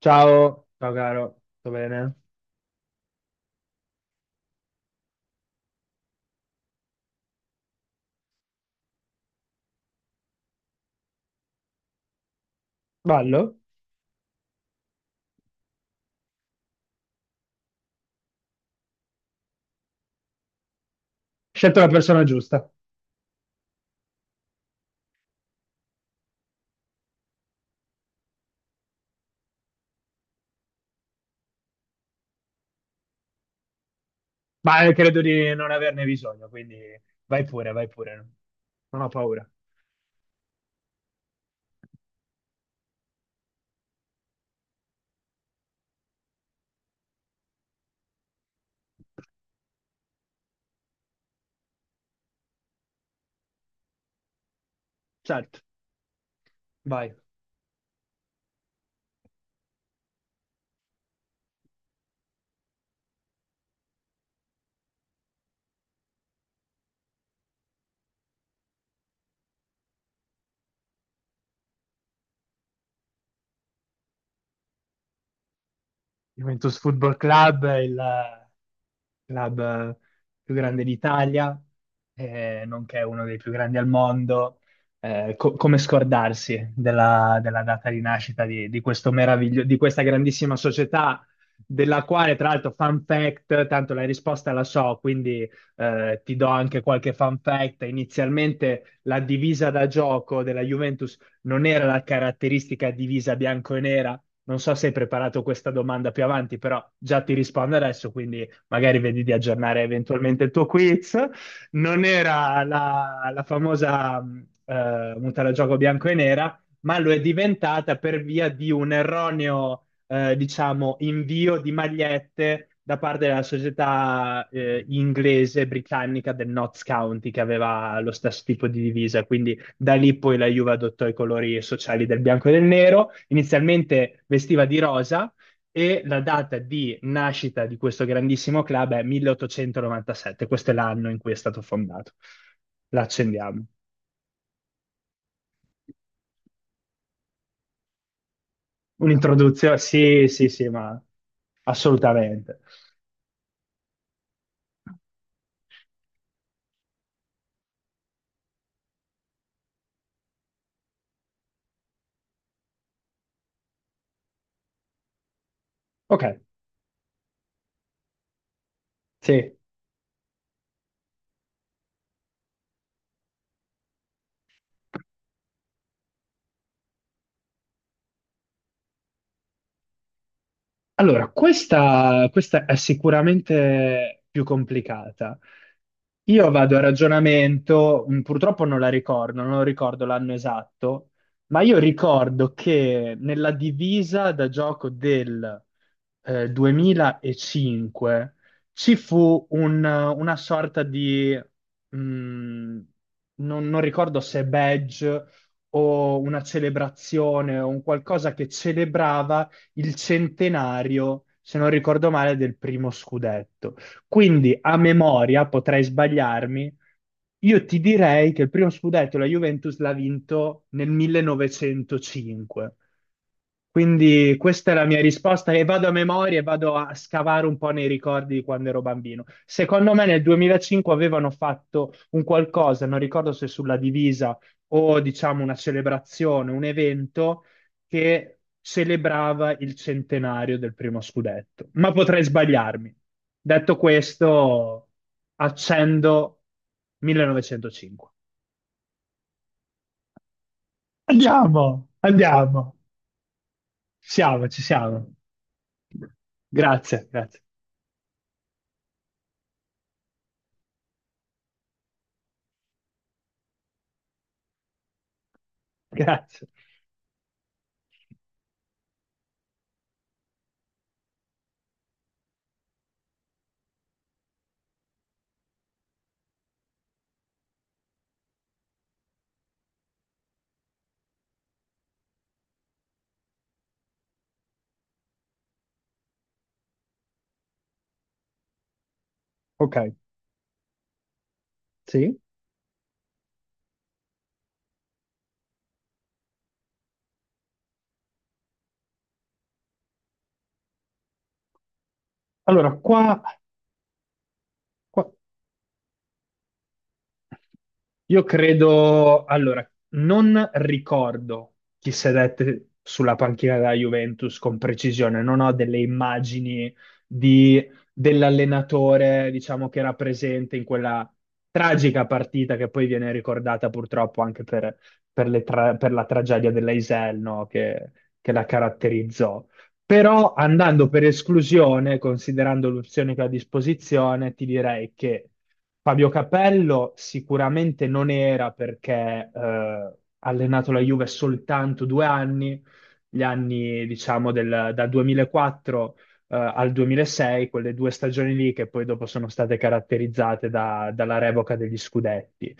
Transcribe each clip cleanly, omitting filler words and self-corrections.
Ciao, ciao caro, tutto bene? Ballo? Scelto la persona giusta, ma credo di non averne bisogno, quindi vai pure, non ho paura. Certo, vai. Juventus Football Club, il club più grande d'Italia, nonché uno dei più grandi al mondo. Come scordarsi della data di nascita di questo di questa grandissima società, della quale, tra l'altro, fun fact, tanto la risposta la so, quindi ti do anche qualche fun fact. Inizialmente la divisa da gioco della Juventus non era la caratteristica divisa bianco e nera, non so se hai preparato questa domanda più avanti, però già ti rispondo adesso, quindi magari vedi di aggiornare eventualmente il tuo quiz. Non era la famosa muta da gioco bianco e nera, ma lo è diventata per via di un erroneo, diciamo, invio di magliette da parte della società inglese britannica del Notts County, che aveva lo stesso tipo di divisa. Quindi da lì poi la Juve adottò i colori sociali del bianco e del nero, inizialmente vestiva di rosa e la data di nascita di questo grandissimo club è 1897, questo è l'anno in cui è stato fondato. La accendiamo. Un'introduzione? Sì, sì, sì, ma assolutamente. Ok, sì. Allora, questa è sicuramente più complicata. Io vado a ragionamento, purtroppo non la ricordo, non ricordo l'anno esatto, ma io ricordo che nella divisa da gioco del 2005 ci fu una sorta di, mh, non ricordo se badge o una celebrazione o un qualcosa che celebrava il centenario, se non ricordo male, del primo scudetto. Quindi a memoria, potrei sbagliarmi, io ti direi che il primo scudetto la Juventus l'ha vinto nel 1905. Quindi questa è la mia risposta e vado a memoria e vado a scavare un po' nei ricordi di quando ero bambino. Secondo me nel 2005 avevano fatto un qualcosa, non ricordo se sulla divisa o diciamo una celebrazione, un evento che celebrava il centenario del primo scudetto, ma potrei sbagliarmi. Detto questo, accendo 1905. Andiamo, andiamo. Ci siamo, ci siamo. Grazie, grazie, grazie. Ok, sì. Allora, qua- io credo, allora, non ricordo chi sedette sulla panchina della Juventus con precisione, non ho delle immagini di- dell'allenatore, diciamo, che era presente in quella tragica partita che poi viene ricordata purtroppo anche per la tragedia dell'Eisel, no? che la caratterizzò. Però andando per esclusione, considerando l'opzione che ho a disposizione, ti direi che Fabio Capello sicuramente non era perché ha allenato la Juve soltanto 2 anni, gli anni diciamo del, dal 2004 al 2006, quelle due stagioni lì che poi dopo sono state caratterizzate dalla revoca degli scudetti.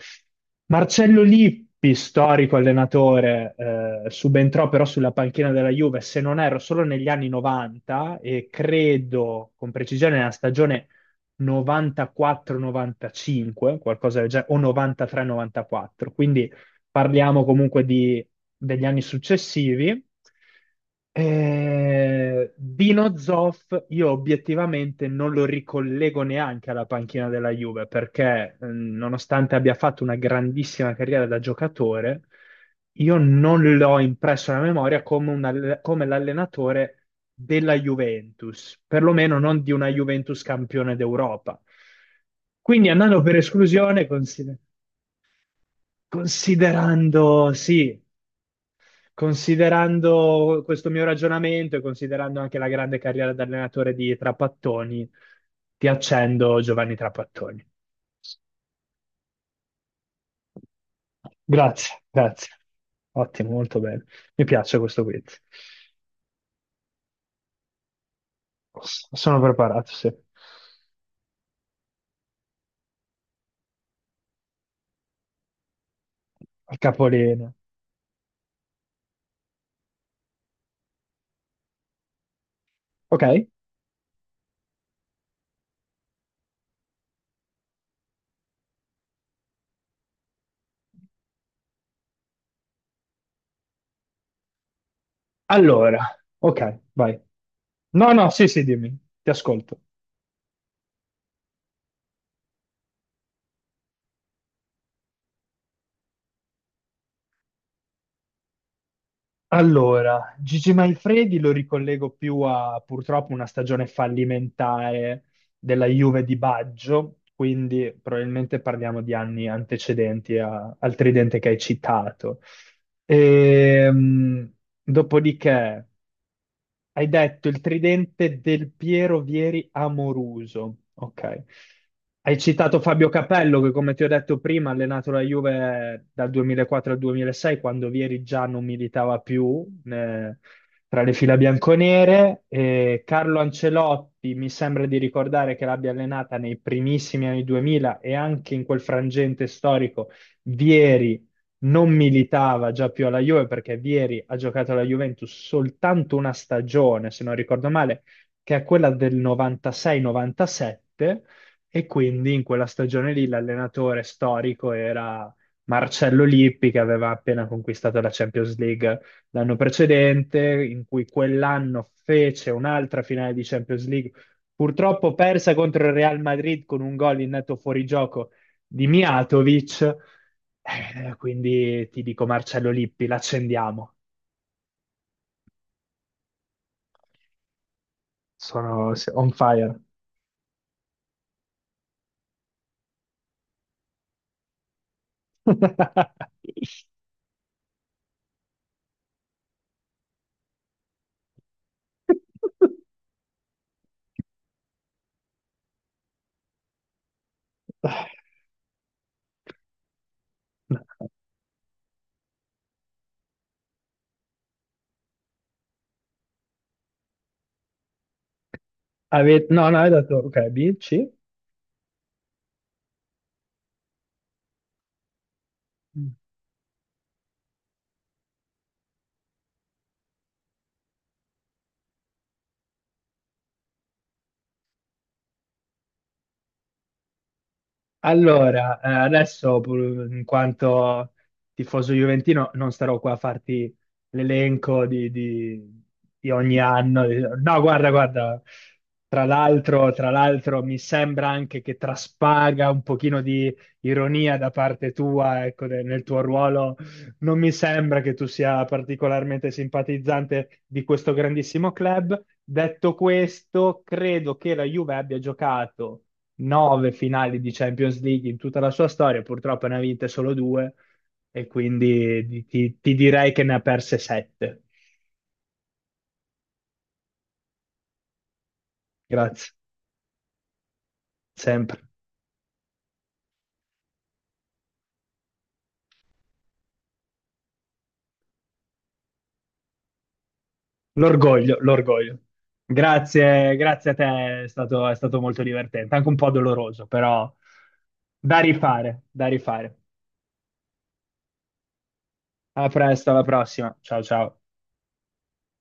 Marcello Lippi, storico allenatore, subentrò però sulla panchina della Juve, se non erro, solo negli anni 90 e credo con precisione nella stagione 94-95, qualcosa del genere, o 93-94. Quindi parliamo comunque degli anni successivi. Dino Zoff io obiettivamente non lo ricollego neanche alla panchina della Juve perché nonostante abbia fatto una grandissima carriera da giocatore, io non l'ho impresso nella memoria come, come l'allenatore della Juventus, perlomeno non di una Juventus campione d'Europa. Quindi andando per esclusione, considerando, sì, considerando questo mio ragionamento e considerando anche la grande carriera da allenatore di Trapattoni, ti accendo Giovanni Trapattoni. Grazie, grazie. Ottimo, molto bene. Mi piace questo quiz. Sono preparato, sì. Al capolinea. Ok? Allora, ok, vai. No, no, sì, sì, dimmi, ti ascolto. Allora, Gigi Manfredi lo ricollego più a purtroppo una stagione fallimentare della Juve di Baggio, quindi probabilmente parliamo di anni antecedenti al tridente che hai citato. Ehm, Dopodiché. Hai detto il tridente del Piero Vieri Amoruso. Ok. Hai citato Fabio Capello che, come ti ho detto prima, ha allenato la Juve dal 2004 al 2006, quando Vieri già non militava più tra le fila bianconere. E Carlo Ancelotti mi sembra di ricordare che l'abbia allenata nei primissimi anni 2000 e anche in quel frangente storico Vieri non militava già più alla Juve perché Vieri ha giocato alla Juventus soltanto una stagione, se non ricordo male, che è quella del 96-97 e quindi in quella stagione lì l'allenatore storico era Marcello Lippi che aveva appena conquistato la Champions League l'anno precedente, in cui quell'anno fece un'altra finale di Champions League. Purtroppo persa contro il Real Madrid con un gol in netto fuorigioco di Mijatovic. Quindi ti dico Marcello Lippi, l'accendiamo. Sono on fire. No, no, hai dato, ok, B, C. Allora, adesso in quanto tifoso juventino non starò qua a farti l'elenco di ogni anno. No, guarda, guarda, tra l'altro mi sembra anche che traspaga un pochino di ironia da parte tua, ecco, nel tuo ruolo. Non mi sembra che tu sia particolarmente simpatizzante di questo grandissimo club. Detto questo, credo che la Juve abbia giocato nove finali di Champions League in tutta la sua storia, purtroppo ne ha vinte solo due e quindi ti direi che ne ha perse sette. Grazie, sempre. L'orgoglio, l'orgoglio. Grazie, grazie a te, è stato molto divertente, anche un po' doloroso, però da rifare, da rifare. A presto, alla prossima. Ciao ciao.